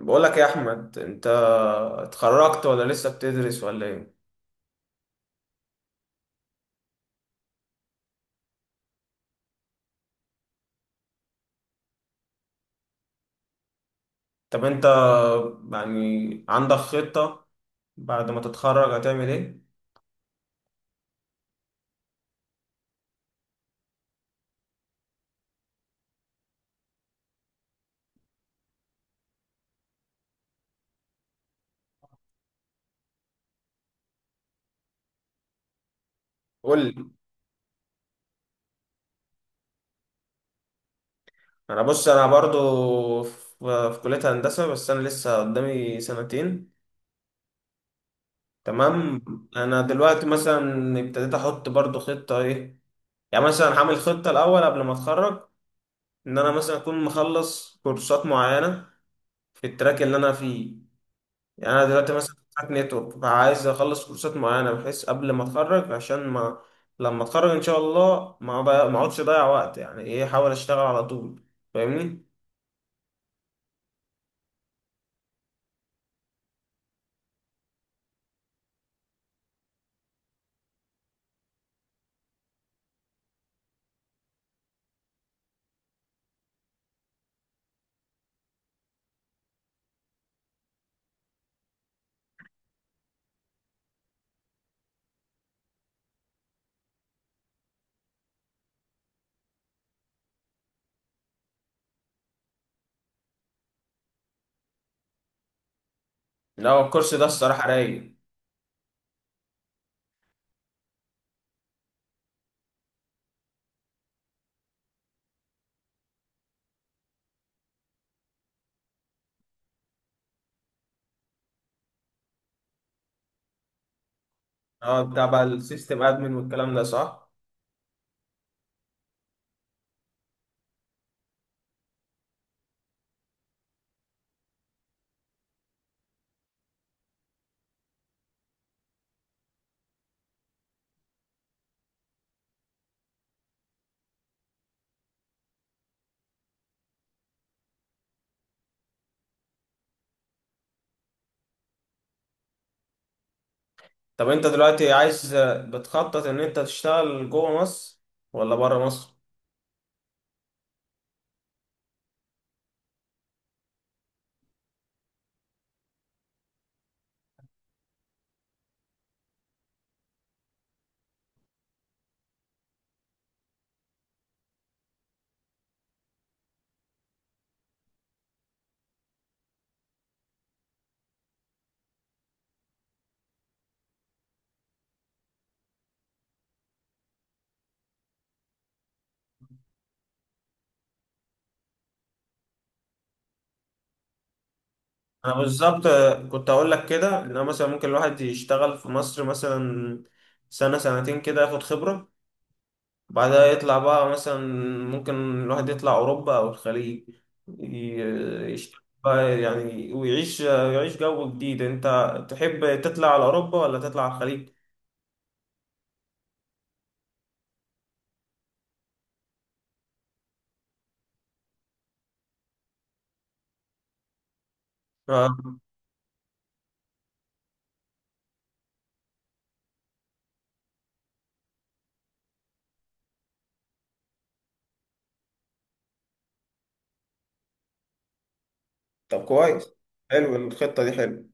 بقول لك يا احمد، انت اتخرجت ولا لسه بتدرس ولا ايه؟ طب انت يعني عندك خطة بعد ما تتخرج هتعمل ايه؟ قول لي. انا بص، انا برضو في كلية هندسة، بس انا لسه قدامي سنتين. تمام. انا دلوقتي مثلا ابتديت احط برضو خطة ايه، يعني مثلا هعمل خطة الاول قبل ما اتخرج ان انا مثلا اكون مخلص كورسات معينة في التراك اللي انا فيه. يعني انا دلوقتي مثلا في بتاعت نتورك، فعايز اخلص كورسات معينه بحيث قبل ما اتخرج عشان ما، لما اتخرج ان شاء الله ما اقعدش اضيع وقت، يعني ايه، احاول اشتغل على طول. فاهمني؟ لا هو الكورس ده الصراحه رايق. اه، بتاع بقى السيستم ادمن والكلام ده، صح. طب انت دلوقتي عايز، بتخطط ان انت تشتغل جوه مصر ولا بره مصر؟ انا بالظبط كنت اقول لك كده، ان أنا مثلا ممكن الواحد يشتغل في مصر مثلا سنة سنتين كده، ياخد خبره، بعدها يطلع بقى مثلا. ممكن الواحد يطلع أوروبا أو الخليج، ي- يشتغل بقى يعني، ويعيش يعيش جو جديد. أنت تحب تطلع على أوروبا ولا تطلع على الخليج؟ آه، طب كويس. حلو الخطة دي، حلو.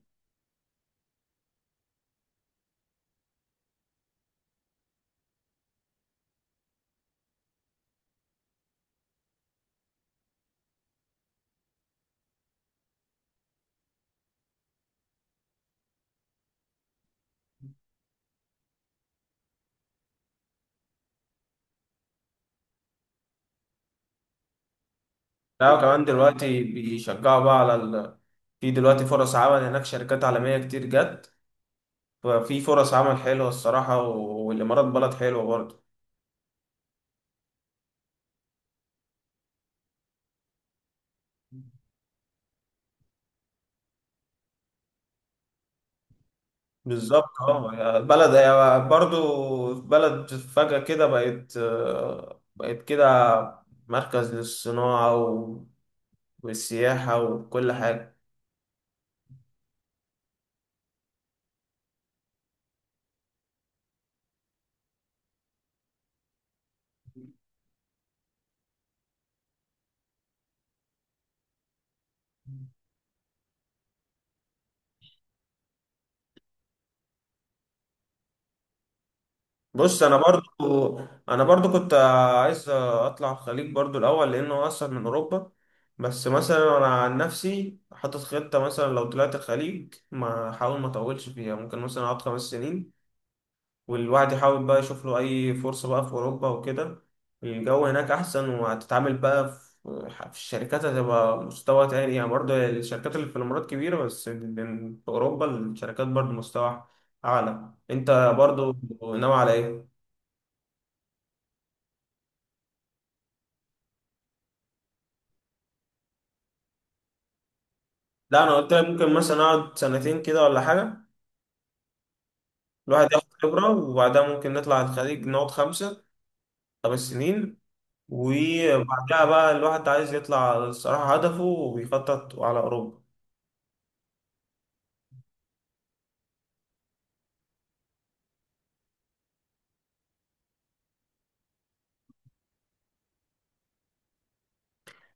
لا، كمان دلوقتي بيشجعوا بقى على ال... في دلوقتي فرص عمل هناك، شركات عالمية كتير جت، ففي فرص عمل حلوة الصراحة، والإمارات بلد حلوة برضه. بالظبط، اه، بلد هي برضو بلد فجأة كده بقت، بقت كده مركز للصناعة والسياحة وكل حاجة. بص أنا برضو، أنا برضو كنت عايز أطلع الخليج برضو الأول لأنه أصلا من أوروبا. بس مثلا أنا عن نفسي حاطط خطة مثلا لو طلعت الخليج ما أحاول ما أطولش فيها، ممكن مثلا أقعد 5 سنين والواحد يحاول بقى يشوف له أي فرصة بقى في أوروبا وكده. الجو هناك أحسن، وهتتعامل بقى في الشركات، هتبقى مستوى تاني يعني. برضه الشركات اللي في الإمارات كبيرة، بس في أوروبا الشركات برضه مستوى أعلى. أنت برضه ناوي على إيه؟ لا أنا قلت لك ممكن مثلا أقعد سنتين كده ولا حاجة، الواحد ياخد خبرة، وبعدها ممكن نطلع الخليج نقعد خمسة، 5 سنين، وبعدها بقى الواحد عايز يطلع الصراحة هدفه وبيخطط على أوروبا.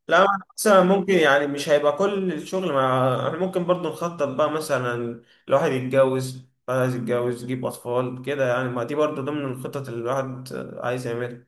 لا أنا مثلا ممكن يعني مش هيبقى كل الشغل، مع احنا ممكن برضو نخطط بقى مثلا الواحد يتجوز بعد، عايز يتجوز، يجيب أطفال كده يعني، ما دي برضو ضمن الخطط اللي الواحد عايز يعملها.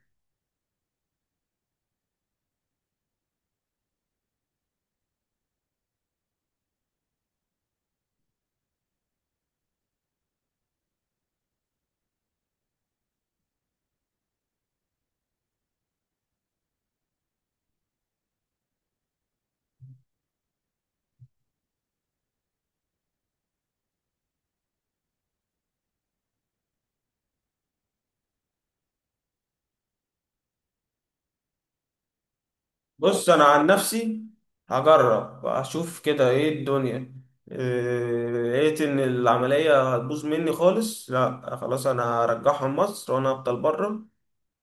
بص أنا عن نفسي هجرب أشوف كده إيه الدنيا، إيه، لقيت إن العملية هتبوظ مني خالص، لا خلاص أنا هرجعهم مصر وأنا هفضل بره،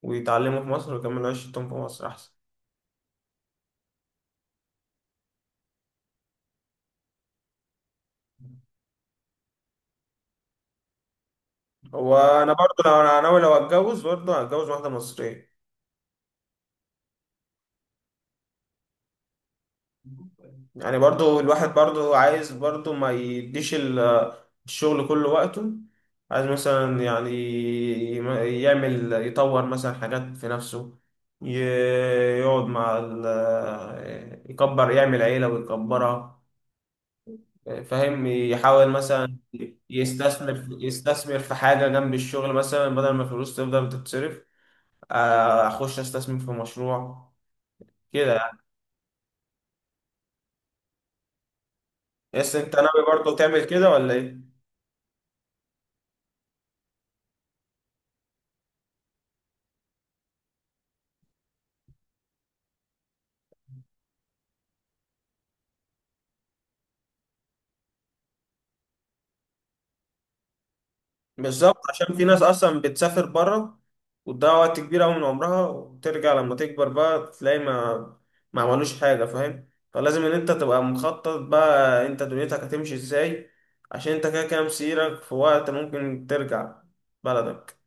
ويتعلموا في مصر ويكملوا عيشتهم في مصر أحسن. هو أنا برضو لو أنا ناوي، لو هتجوز برضو هتجوز واحدة مصرية. يعني برضو الواحد برضو عايز برضو ما يديش ال- الشغل كله وقته، عايز مثلا يعني يعمل، يطور مثلا حاجات في نفسه، ي- يقعد مع ال-، يكبر، يعمل عيلة ويكبرها. فاهم، يحاول مثلا يستثمر يستثمر في حاجة جنب الشغل، مثلا بدل ما الفلوس تفضل تتصرف، أخش أستثمر في مشروع كده يعني. بس أنت ناوي برضو تعمل كده ولا إيه؟ بالظبط، عشان في ناس اصلا بتسافر بره وتضيع وقت كبير قوي من عمرها، وترجع لما تكبر بقى تلاقي ما عملوش حاجه. فاهم، فلازم ان انت تبقى مخطط بقى انت دنيتك هتمشي ازاي، عشان انت كده كده مسيرك في وقت ممكن ترجع بلدك.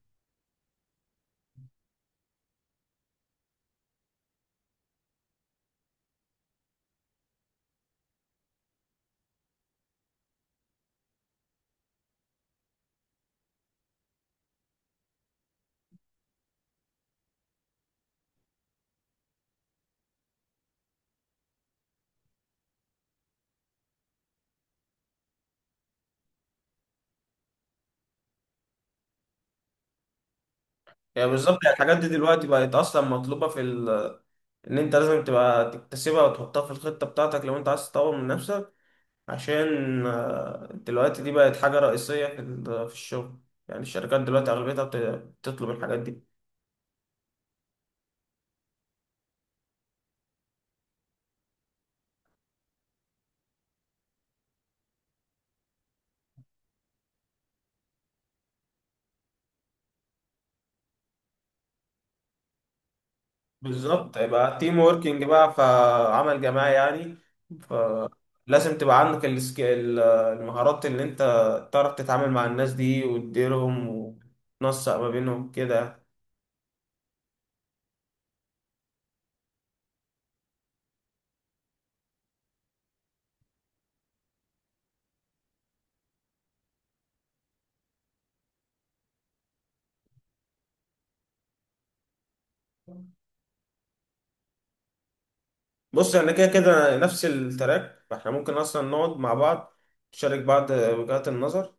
يعني بالظبط، يعني الحاجات دي دلوقتي بقت اصلا مطلوبه في ال...، ان انت لازم تبقى تكتسبها وتحطها في الخطه بتاعتك لو انت عايز تطور من نفسك، عشان آه، دلوقتي دي بقت حاجة رئيسية في ال- في الشغل. يعني الشركات دلوقتي أغلبيتها بتطلب الحاجات دي. بالظبط، يبقى تيم ووركينج بقى، فعمل جماعي يعني. فلازم تبقى عندك المهارات اللي أنت تعرف تتعامل مع الناس دي وتديرهم وتنسق ما بينهم كده. بص احنا كده كده نفس التراك، فاحنا ممكن أصلا نقعد مع بعض نشارك بعض وجهات النظر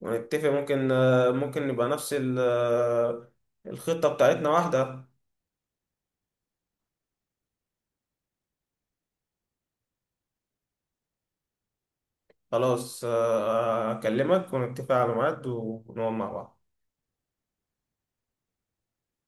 ونتفق، ممكن آه، ممكن نبقى نفس ال- آه، الخطة بتاعتنا واحدة. خلاص آه، آه، أكلمك ونتفق على ميعاد ونقعد مع بعض.